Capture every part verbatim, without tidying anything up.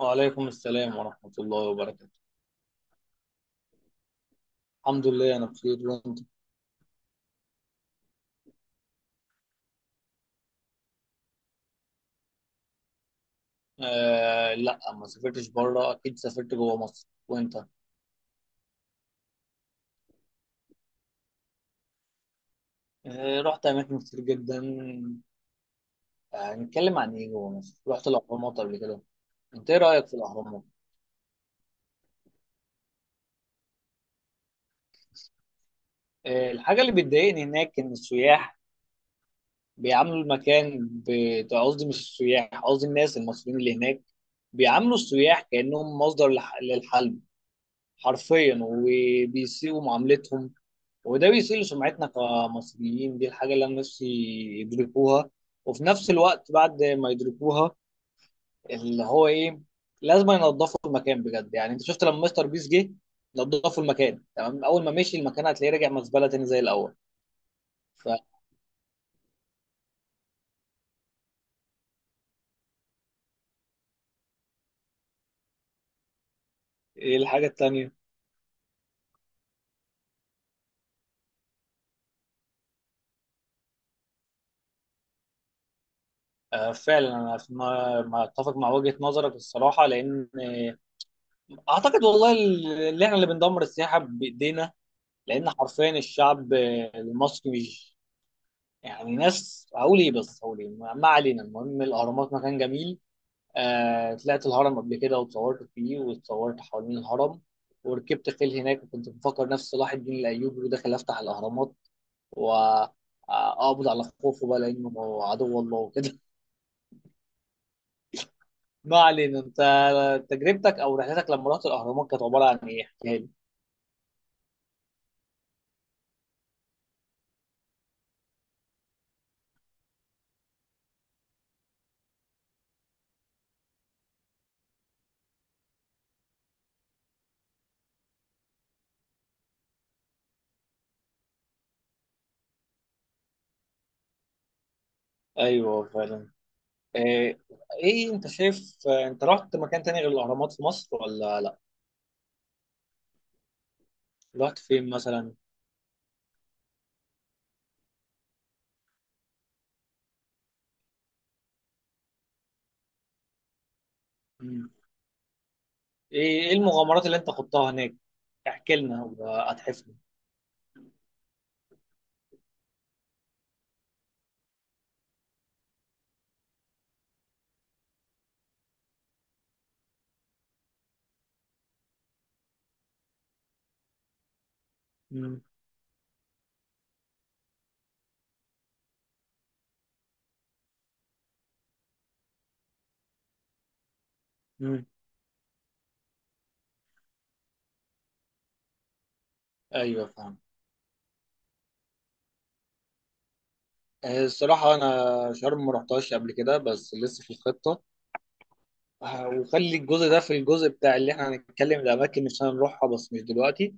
وعليكم السلام ورحمة الله وبركاته. الحمد لله، أنا بخير، وأنت؟ آه لا ما سافرتش بره، أكيد سافرت جوه مصر، وأنت؟ آه رحت أماكن كتير جدا. آه، هنتكلم عن إيه؟ جوه مصر رحت الأهرامات قبل كده؟ أنت إيه رأيك في الأهرامات؟ آه الحاجة اللي بتضايقني هناك إن السياح بيعاملوا المكان ب- قصدي مش السياح، قصدي الناس المصريين اللي هناك بيعاملوا السياح كأنهم مصدر لح- للحلم حرفيا، وبيسيئوا معاملتهم. وده بيسيء سمعتنا كمصريين، دي الحاجة اللي أنا نفسي يدركوها، وفي نفس الوقت بعد ما يدركوها اللي هو إيه؟ لازم ينظفوا المكان بجد. يعني أنت شفت لما مستر بيس جه نظفوا المكان تمام، أول ما مشي المكان هتلاقيه راجع مزبلة تاني زي الأول. فإيه الحاجة التانية؟ آه فعلا، أنا في- ما ما أتفق مع وجهة نظرك الصراحة، لأن آه، أعتقد والله ال- اللي إحنا اللي بندمر السياحة بإيدينا، لأن حرفيا الشعب آه، المصري يعني ناس. هقول ايه بس هقول ايه، ما ما علينا. المهم، الاهرامات مكان جميل. آه طلعت الهرم قبل كده، واتصورت فيه، واتصورت حوالين الهرم، وركبت خيل هناك، وكنت بفكر نفس صلاح الدين الايوبي وداخل افتح الاهرامات، واقبض على خوفه بقى لانه عدو الله وكده ما علينا. انت تجربتك او رحلتك لما رحت الاهرامات كانت عباره عن ايه؟ احكيها لي. ايوه فعلا. آه، ايه انت شايف، آه، انت رحت مكان تاني غير الاهرامات في مصر ولا لا؟ رحت فين مثلا؟ ايه إيه المغامرات اللي انت خضتها هناك؟ احكي لنا وهتحفنا. مم. مم. ايوه فاهم. آه، الصراحه انا شرم ما رحتهاش قبل كده، بس لسه في الخطه. آه، وخلي الجزء ده في الجزء بتاع اللي احنا هنتكلم الاماكن اللي عشان نروحها، بس مش دلوقتي.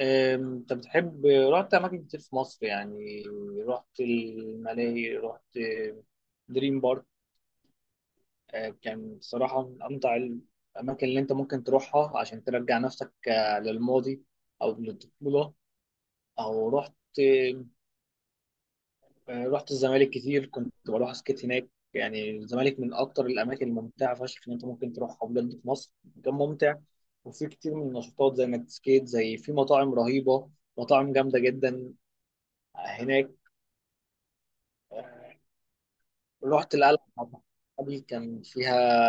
آم، انت بتحب رحت اماكن كتير في مصر يعني. رحت الملاهي، رحت آه، دريم بارك. آه، كان بصراحه من امتع الاماكن اللي انت ممكن تروحها عشان ترجع نفسك آه، للماضي او للطفوله، او رحت آه، رحت الزمالك كتير، كنت بروح اسكت هناك. يعني الزمالك من اكتر الاماكن الممتعه فشخ ان انت ممكن تروحها، بجد في مصر مكان ممتع، وفي كتير من النشاطات زي انك تسكيت، زي في مطاعم رهيبه، مطاعم جامده جدا هناك. رحت القلعه قبل، كان فيها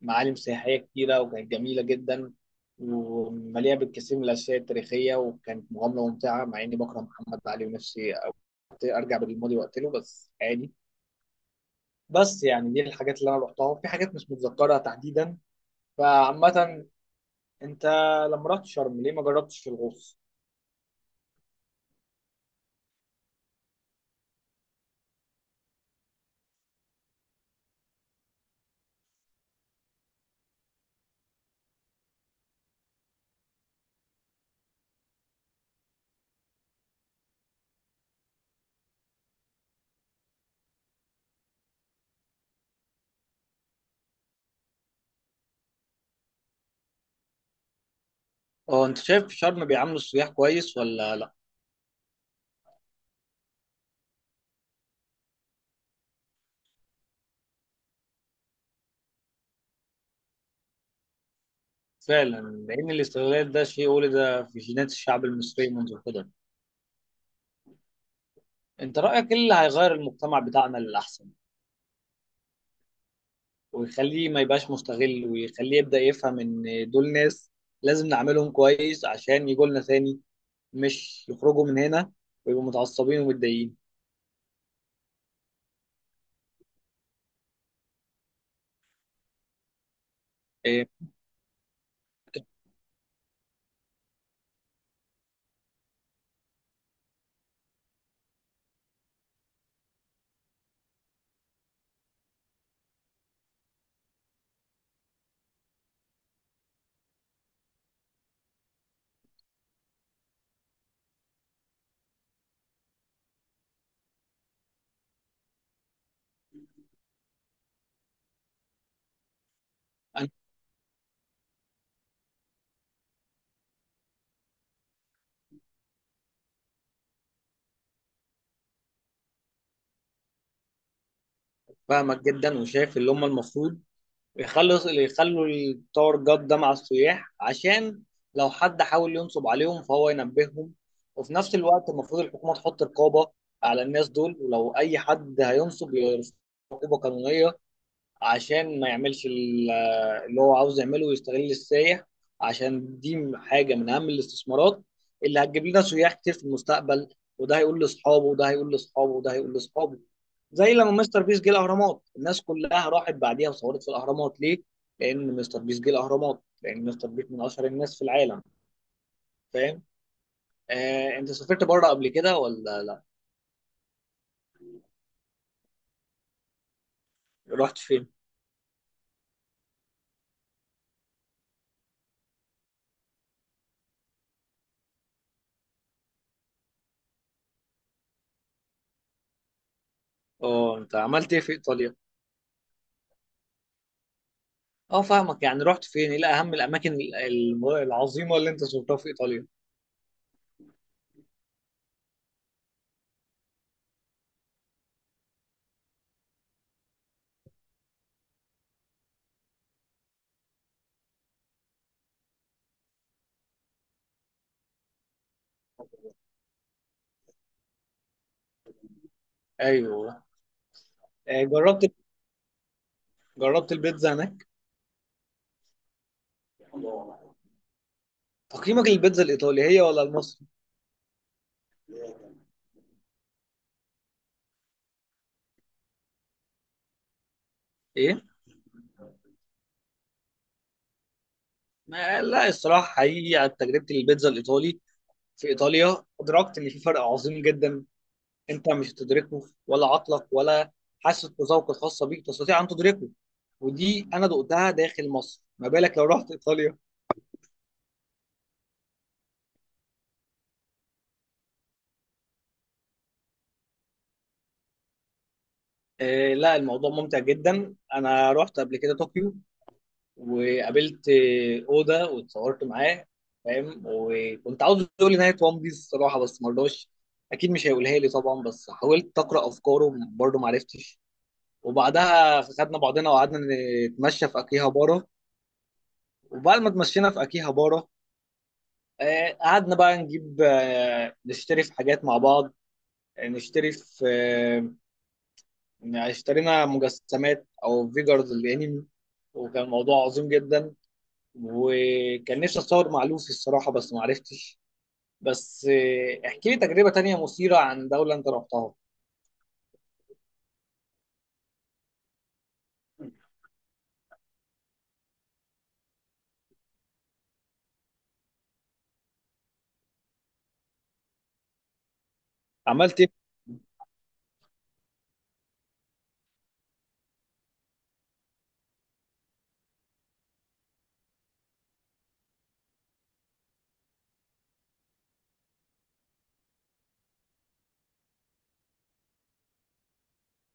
معالم سياحيه كتيره، وكانت جميله جدا ومليئه بالكثير من الاشياء التاريخيه، وكانت مغامره ممتعه، مع اني بكره محمد علي، ونفسي أو- أرجع بالماضي وقتله بس عادي. بس يعني دي الحاجات اللي انا رحتها، في حاجات مش متذكرها تحديدا. فعامة، انت لما رحت شرم ليه ما جربتش الغوص؟ اه انت شايف في شرم بيعاملوا السياح كويس ولا لا؟ فعلا. لان الاستغلال ده شيء ولد في جينات الشعب المصري منذ القدم. انت رايك ايه اللي هيغير المجتمع بتاعنا للاحسن، ويخليه ما يبقاش مستغل، ويخليه يبدا يفهم ان دول ناس لازم نعملهم كويس عشان يجوا لنا تاني، مش يخرجوا من هنا ويبقوا متعصبين ومتضايقين. إيه؟ فاهمك جدا، وشايف اللي هم المفروض يخلص اللي يخلوا التور جاد ده مع السياح، عشان لو حد حاول ينصب عليهم فهو ينبههم. وفي نفس الوقت المفروض الحكومة تحط رقابة على الناس دول، ولو أي حد هينصب يرفع عقوبة قانونية، عشان ما يعملش ال- اللي هو عاوز يعمله ويستغل السياح. عشان دي م- حاجة من أهم الاستثمارات اللي هتجيب لنا سياح كتير في المستقبل. وده هيقول لأصحابه، وده هيقول لأصحابه، وده هيقول لأصحابه. زي لما مستر بيس جه الأهرامات الناس كلها راحت بعديها وصورت في الأهرامات، ليه؟ لأن مستر بيس جه الأهرامات، لأن مستر بيس من أشهر الناس في العالم. فاهم؟ آه، أنت سافرت بره قبل كده ولا لأ؟ رحت فين؟ أه أنت عملت إيه في إيطاليا؟ اه فاهمك. يعني رحت فين؟ ايه اهم الاماكن ال- ال- العظيمه اللي انت زرتها في ايطاليا؟ ايوه. آه، جربت جربت البيتزا هناك؟ تقييمك للبيتزا الايطالي هي ولا المصري؟ ايه؟ ما لا، الصراحه حقيقي على تجربه البيتزا الايطالي في ايطاليا ادركت ان في فرق عظيم جدا. انت مش هتدركه، ولا عقلك ولا حاسه بذوق الخاصه بيك تستطيع ان تدركه، ودي انا دقتها داخل مصر، ما بالك لو رحت ايطاليا. آه لا، الموضوع ممتع جدا. انا رحت قبل كده طوكيو، وقابلت اودا واتصورت معاه فاهم، وكنت عاوز اقول لي نهايه وان بيس الصراحه، بس ما رضاش، اكيد مش هيقولها لي طبعا. بس حاولت اقرا افكاره برضه، ما عرفتش. وبعدها خدنا بعضنا وقعدنا نتمشى في اكيهابارا. وبعد ما اتمشينا في اكيهابارا آه، قعدنا بقى نجيب آه، نشتري في حاجات مع بعض، آه، نشتري في آه، اشترينا مجسمات او فيجرز الانمي. وكان الموضوع عظيم جدا، وكان نفسي اتصور مع لوفي الصراحه، بس ما عرفتش. بس آه، احكي لي تجربه تانية مثيره عن دوله انت رحتها. عملت ايه في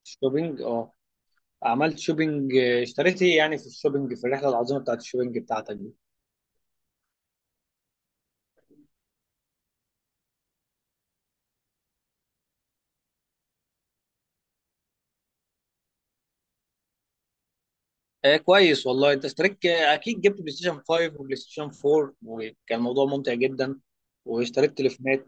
الشوبينج اه؟ عملت شوبينج. آه، اشتريت ايه يعني في الشوبينج، في الرحله العظيمه بتاعت الشوبينج بتاعتك دي؟ آه كويس والله. انت اشتريت آه، اكيد جبت بلاي ستيشن خمسة وبلاي ستيشن أربعة، وكان الموضوع ممتع جدا، واشتريت تليفونات